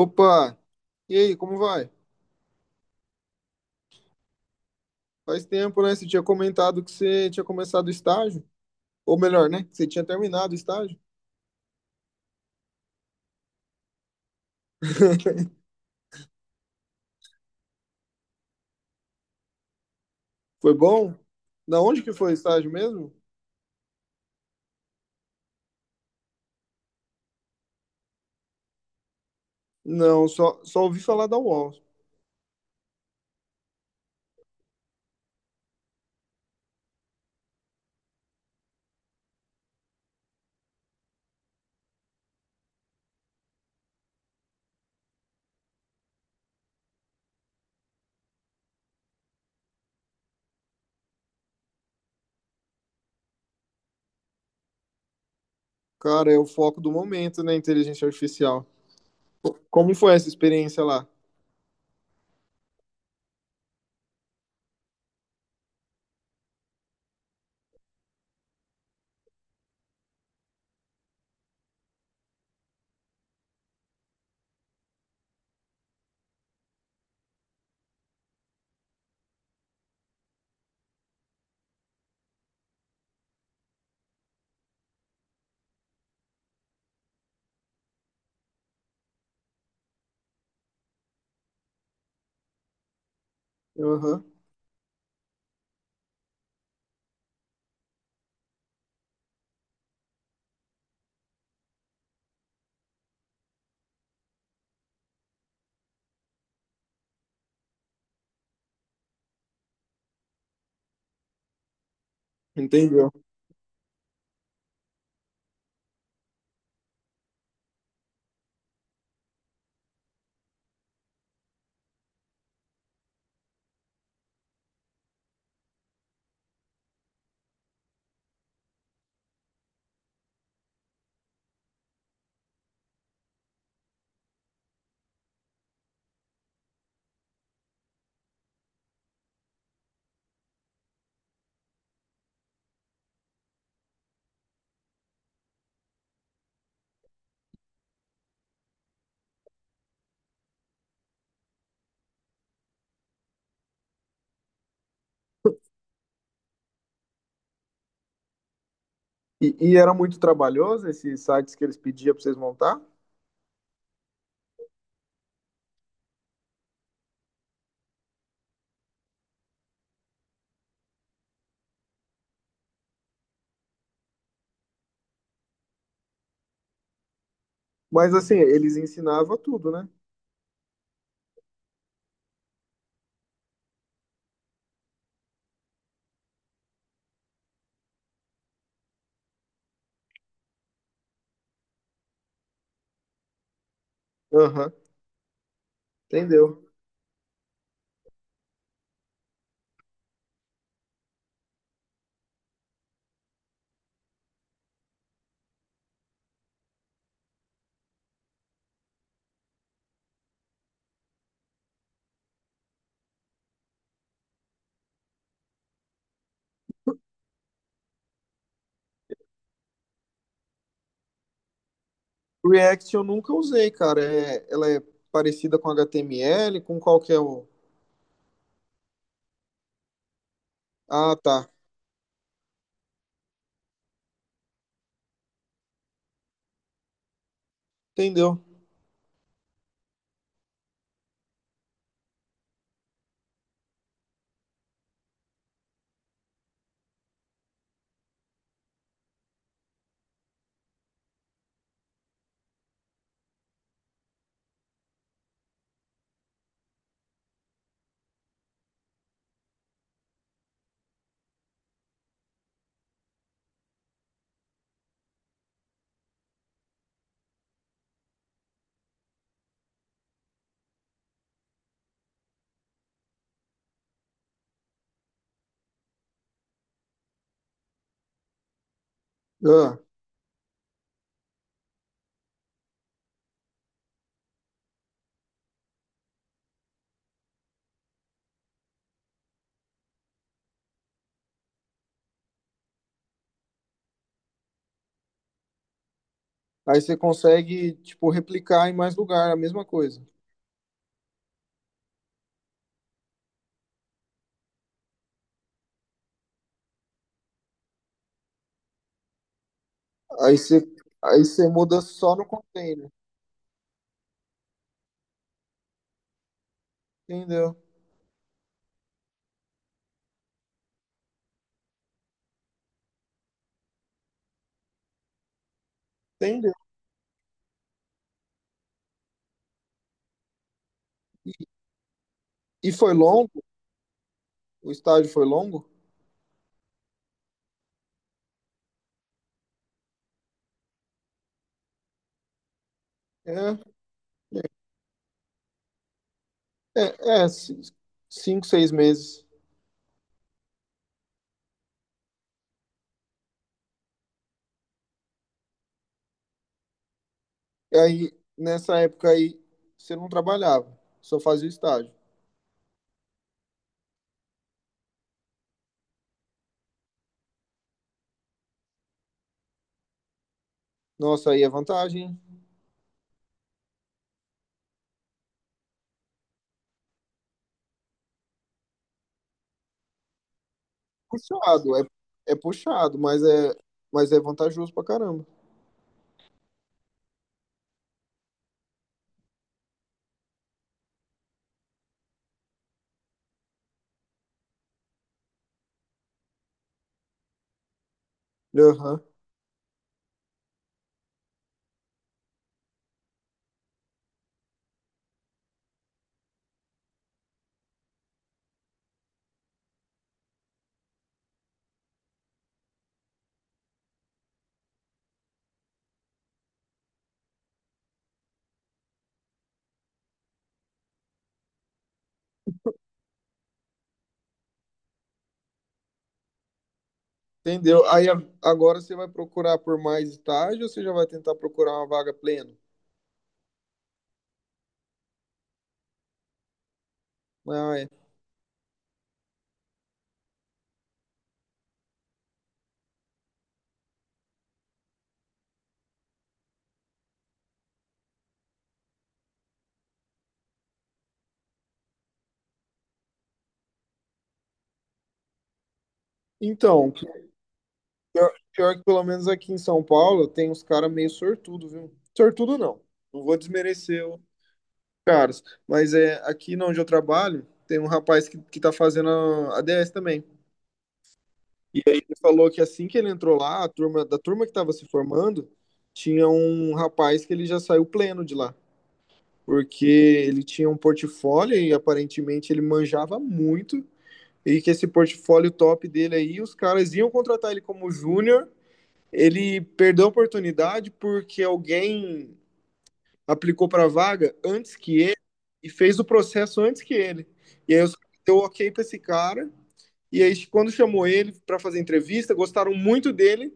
Opa! E aí, como vai? Faz tempo, né? Você tinha comentado que você tinha começado o estágio. Ou melhor, né? Que você tinha terminado o estágio. Foi bom? Da onde que foi o estágio mesmo? Não, só ouvi falar da UOL. Cara, é o foco do momento, né? Inteligência artificial. Como foi essa experiência lá? Aham, entendeu. E era muito trabalhoso esses sites que eles pediam pra vocês montar? Mas assim, eles ensinavam tudo, né? Aham, entendeu. React eu nunca usei, cara. É, ela é parecida com HTML, com qual que é o... Ah, tá. Entendeu? Ah, aí você consegue, tipo, replicar em mais lugar, a mesma coisa. Aí você, aí você muda só no container. Entendeu? Entendeu? E, e foi longo? O estágio foi longo? É, é, é, ci- cinco, seis meses. E aí, nessa época aí, você não trabalhava, só fazia o estágio. Nossa, aí é vantagem, puxado, é puxado, mas é vantajoso pra caramba. Aham. Entendeu? Agora você vai procurar por mais estágio ou você já vai tentar procurar uma vaga plena? Ah, é. Então, pior que pelo menos aqui em São Paulo tem uns caras meio sortudo, viu? Sortudo não. Não vou desmerecer os caras. Mas é aqui onde eu trabalho, tem um rapaz que tá fazendo a ADS também. E aí ele falou que assim que ele entrou lá, a turma, da turma que estava se formando, tinha um rapaz que ele já saiu pleno de lá, porque ele tinha um portfólio e aparentemente ele manjava muito, e que esse portfólio top dele aí, os caras iam contratar ele como júnior, ele perdeu a oportunidade porque alguém aplicou para a vaga antes que ele e fez o processo antes que ele. E aí os caras deu ok para esse cara, e aí quando chamou ele para fazer entrevista, gostaram muito dele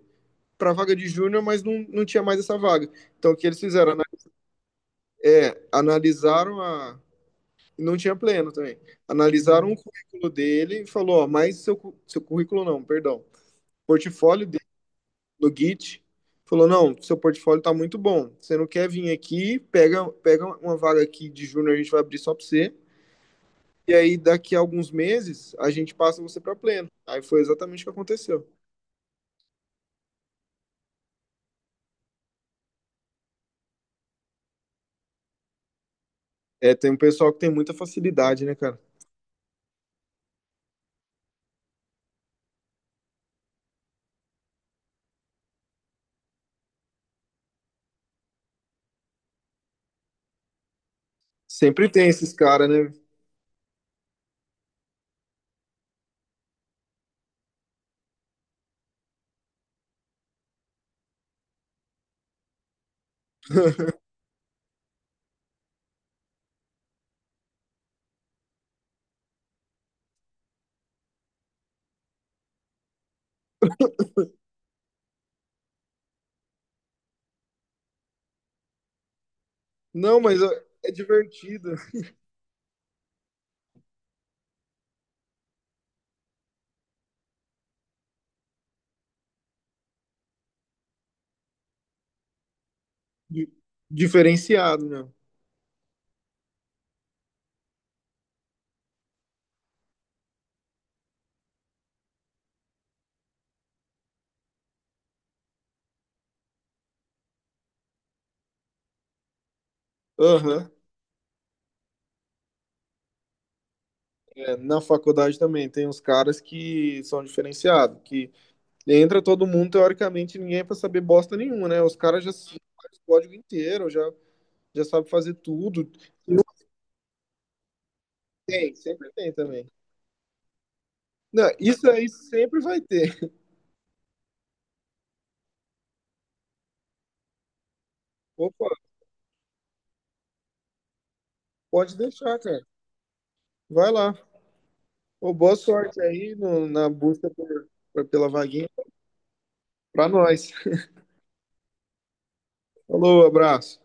para a vaga de júnior, mas não tinha mais essa vaga. Então, o que eles fizeram? É, analisaram a. Não tinha pleno também. Analisaram o currículo dele e falou: ó, mas seu, seu currículo não, perdão. Portfólio dele no Git. Falou: não, seu portfólio tá muito bom. Você não quer vir aqui, pega uma vaga aqui de júnior, a gente vai abrir só para você. E aí, daqui a alguns meses, a gente passa você para pleno. Aí foi exatamente o que aconteceu. É, tem um pessoal que tem muita facilidade, né, cara? Sempre tem esses caras, né? Não, mas ó, é divertido, di- diferenciado, né? Aham. É, na faculdade também tem uns caras que são diferenciados, que entra todo mundo, teoricamente, ninguém é pra saber bosta nenhuma, né? Os caras já sabem o código inteiro, já, já sabem fazer tudo. E não tem, sempre tem também. Não, isso aí sempre vai ter. Opa, pode deixar, cara. Vai lá. Ô, boa sorte aí no- na busca por- pela vaguinha pra nós. Falou, abraço.